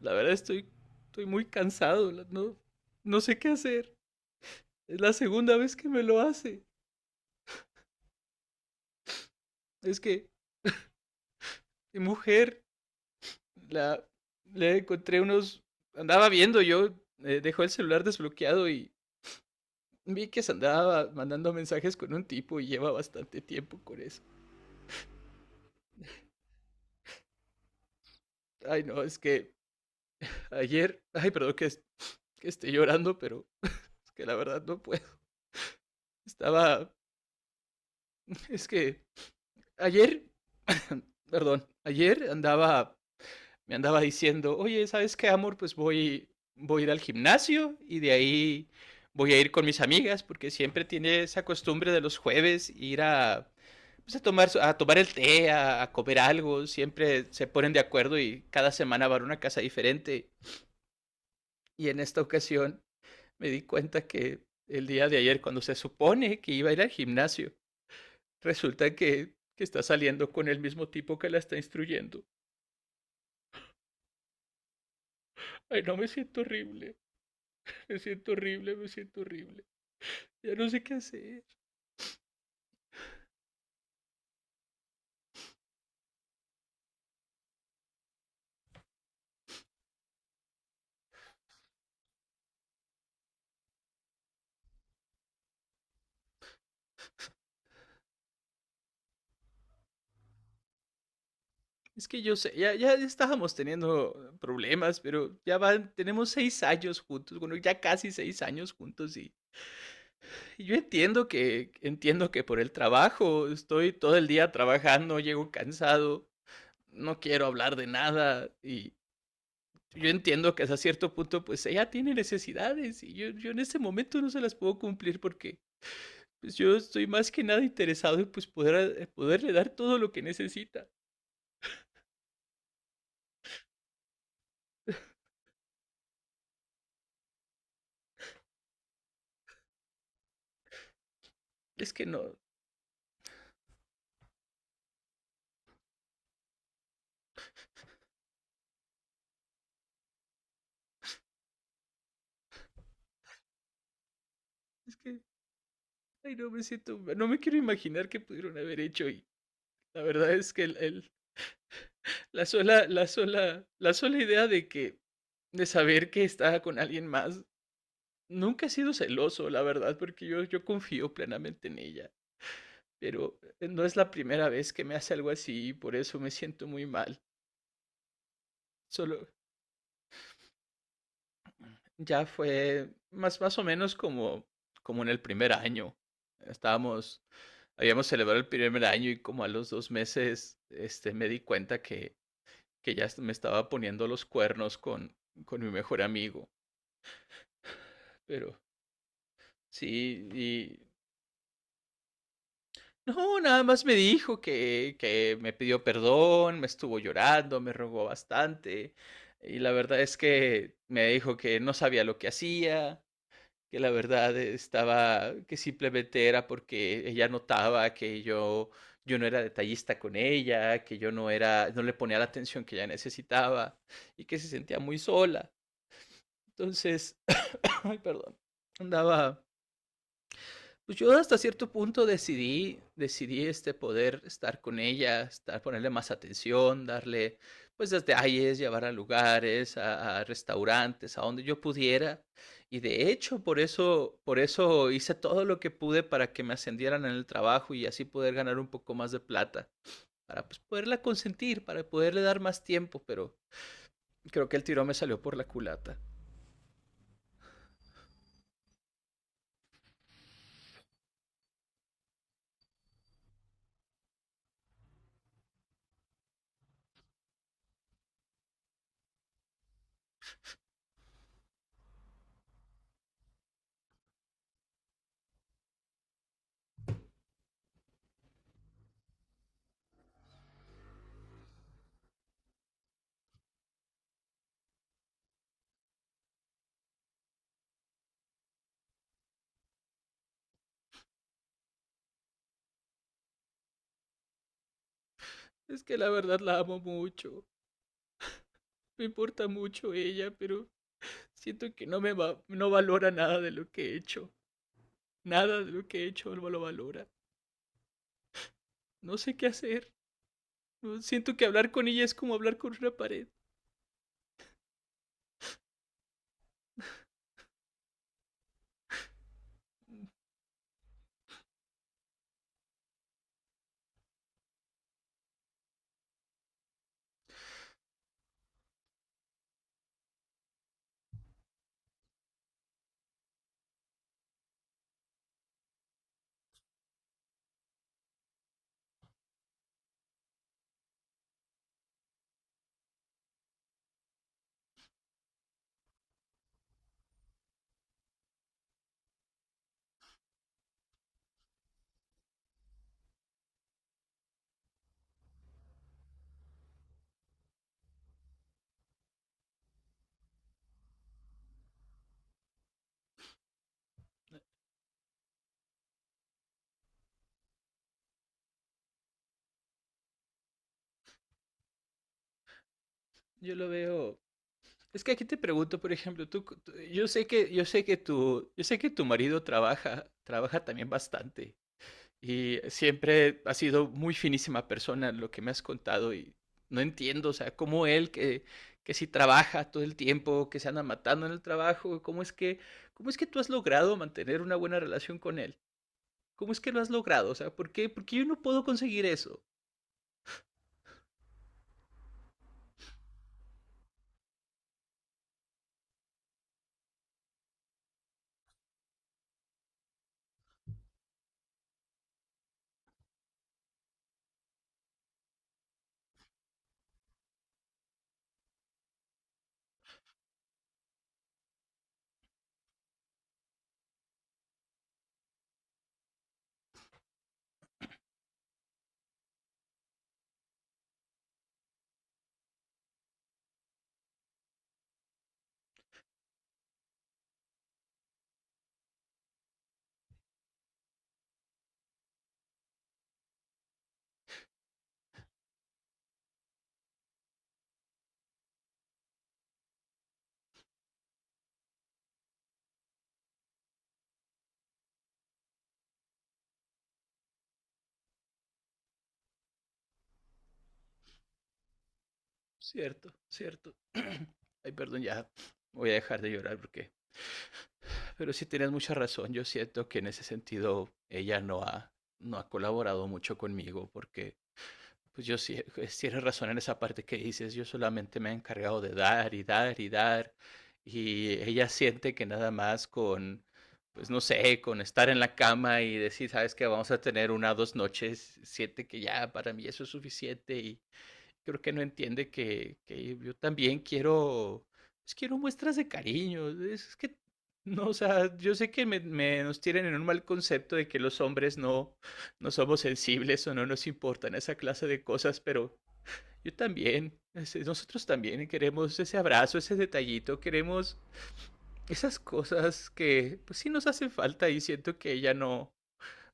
La verdad estoy muy cansado, no, no sé qué hacer. Es la segunda vez que me lo hace. Es que mi mujer, la, le encontré unos... Andaba viendo yo, dejó el celular desbloqueado y vi que se andaba mandando mensajes con un tipo y lleva bastante tiempo con eso. Ay, no, es que ayer, ay, perdón que esté llorando, pero es que la verdad no puedo. Estaba, es que ayer, perdón, ayer andaba me andaba diciendo: oye, ¿sabes qué, amor? Pues voy a ir al gimnasio y de ahí voy a ir con mis amigas, porque siempre tiene esa costumbre de los jueves ir pues, a tomar el té, a comer algo, siempre se ponen de acuerdo y cada semana van a una casa diferente. Y en esta ocasión me di cuenta que el día de ayer, cuando se supone que iba a ir al gimnasio, resulta que está saliendo con el mismo tipo que la está instruyendo. Ay, no, me siento horrible. Me siento horrible, me siento horrible. Ya no sé qué hacer. Es que yo sé, ya estábamos teniendo problemas, pero ya van, tenemos 6 años juntos, bueno, ya casi 6 años juntos y yo entiendo que por el trabajo estoy todo el día trabajando, llego cansado, no quiero hablar de nada y yo entiendo que hasta cierto punto pues ella tiene necesidades y yo en este momento no se las puedo cumplir, porque pues yo estoy más que nada interesado en pues poderle dar todo lo que necesita. Es que no, es que, ay, no me siento, no me quiero imaginar qué pudieron haber hecho. Y la verdad es que la sola idea de que, de saber que está con alguien más. Nunca he sido celoso, la verdad, porque yo confío plenamente en ella, pero no es la primera vez que me hace algo así y por eso me siento muy mal. Solo, Ya fue más o menos como en el primer año. Estábamos, habíamos celebrado el primer año y como a los 2 meses, me di cuenta que ya me estaba poniendo los cuernos con mi mejor amigo. Pero sí, y no, nada más me dijo que me pidió perdón, me estuvo llorando, me rogó bastante. Y la verdad es que me dijo que no sabía lo que hacía, que la verdad estaba, que simplemente era porque ella notaba que yo no era detallista con ella, que yo no era, no le ponía la atención que ella necesitaba y que se sentía muy sola. Entonces, ay, perdón, andaba, pues yo hasta cierto punto decidí, poder estar con ella, estar, ponerle más atención, darle pues detalles, llevar a lugares, a restaurantes, a donde yo pudiera. Y de hecho, por eso hice todo lo que pude para que me ascendieran en el trabajo y así poder ganar un poco más de plata, para pues poderla consentir, para poderle dar más tiempo, pero creo que el tirón me salió por la culata. Es que la verdad la amo mucho, me importa mucho ella, pero siento que no me va, no valora nada de lo que he hecho. Nada de lo que he hecho no lo valora. No sé qué hacer. Siento que hablar con ella es como hablar con una pared. Yo lo veo. Es que aquí te pregunto, por ejemplo, yo sé que tu, yo sé que tu marido trabaja también bastante. Y siempre ha sido muy finísima persona lo que me has contado y no entiendo, o sea, cómo él que si trabaja todo el tiempo, que se anda matando en el trabajo, cómo es que tú has logrado mantener una buena relación con él, cómo es que lo has logrado, o sea, ¿por qué? Porque yo no puedo conseguir eso. Cierto, cierto. Ay, perdón, ya voy a dejar de llorar, porque, pero sí, tienes mucha razón. Yo siento que en ese sentido ella no ha colaborado mucho conmigo, porque pues yo sí, pues tienes razón en esa parte que dices, yo solamente me he encargado de dar y dar y dar, y ella siente que nada más con, pues no sé, con estar en la cama y decir: sabes que vamos a tener una o dos noches, siente que ya para mí eso es suficiente y creo que no entiende que yo también quiero, pues quiero muestras de cariño. Es que, no, o sea, yo sé que nos tienen en un mal concepto de que los hombres no somos sensibles o no nos importan esa clase de cosas, pero yo también, nosotros también queremos ese abrazo, ese detallito, queremos esas cosas que, pues sí nos hacen falta, y siento que ella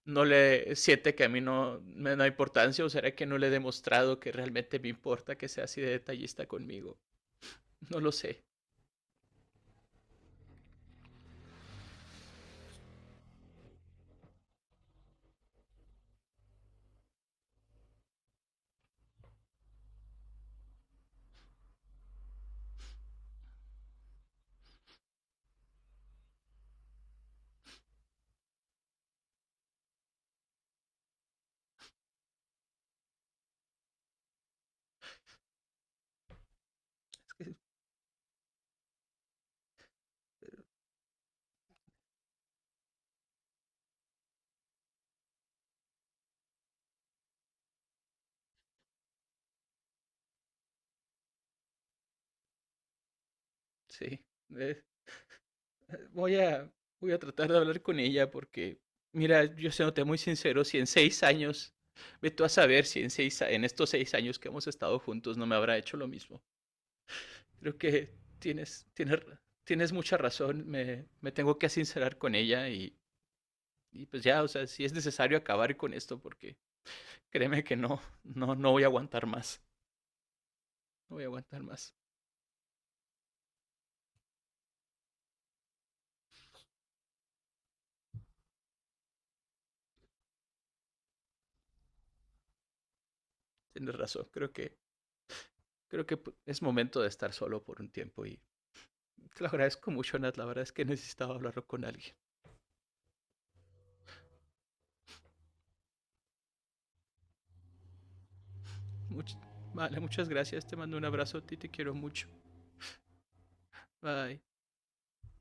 no le siente que a mí no me da importancia, o será que no le he demostrado que realmente me importa que sea así de detallista conmigo. No lo sé, sí. Eh, voy a, voy a tratar de hablar con ella, porque, mira, yo se muy sincero, si en 6 años, ve tú a saber si en, seis, en estos 6 años que hemos estado juntos no me habrá hecho lo mismo. Creo que tienes mucha razón, me tengo que sincerar con ella y pues ya, o sea, si es necesario acabar con esto, porque créeme que no voy a aguantar más. No voy a aguantar más. Tienes razón. Creo que es momento de estar solo por un tiempo y te lo agradezco mucho, Nat. La verdad es que necesitaba hablarlo con alguien. Much- vale, muchas gracias. Te mando un abrazo a ti. Te quiero mucho. Bye.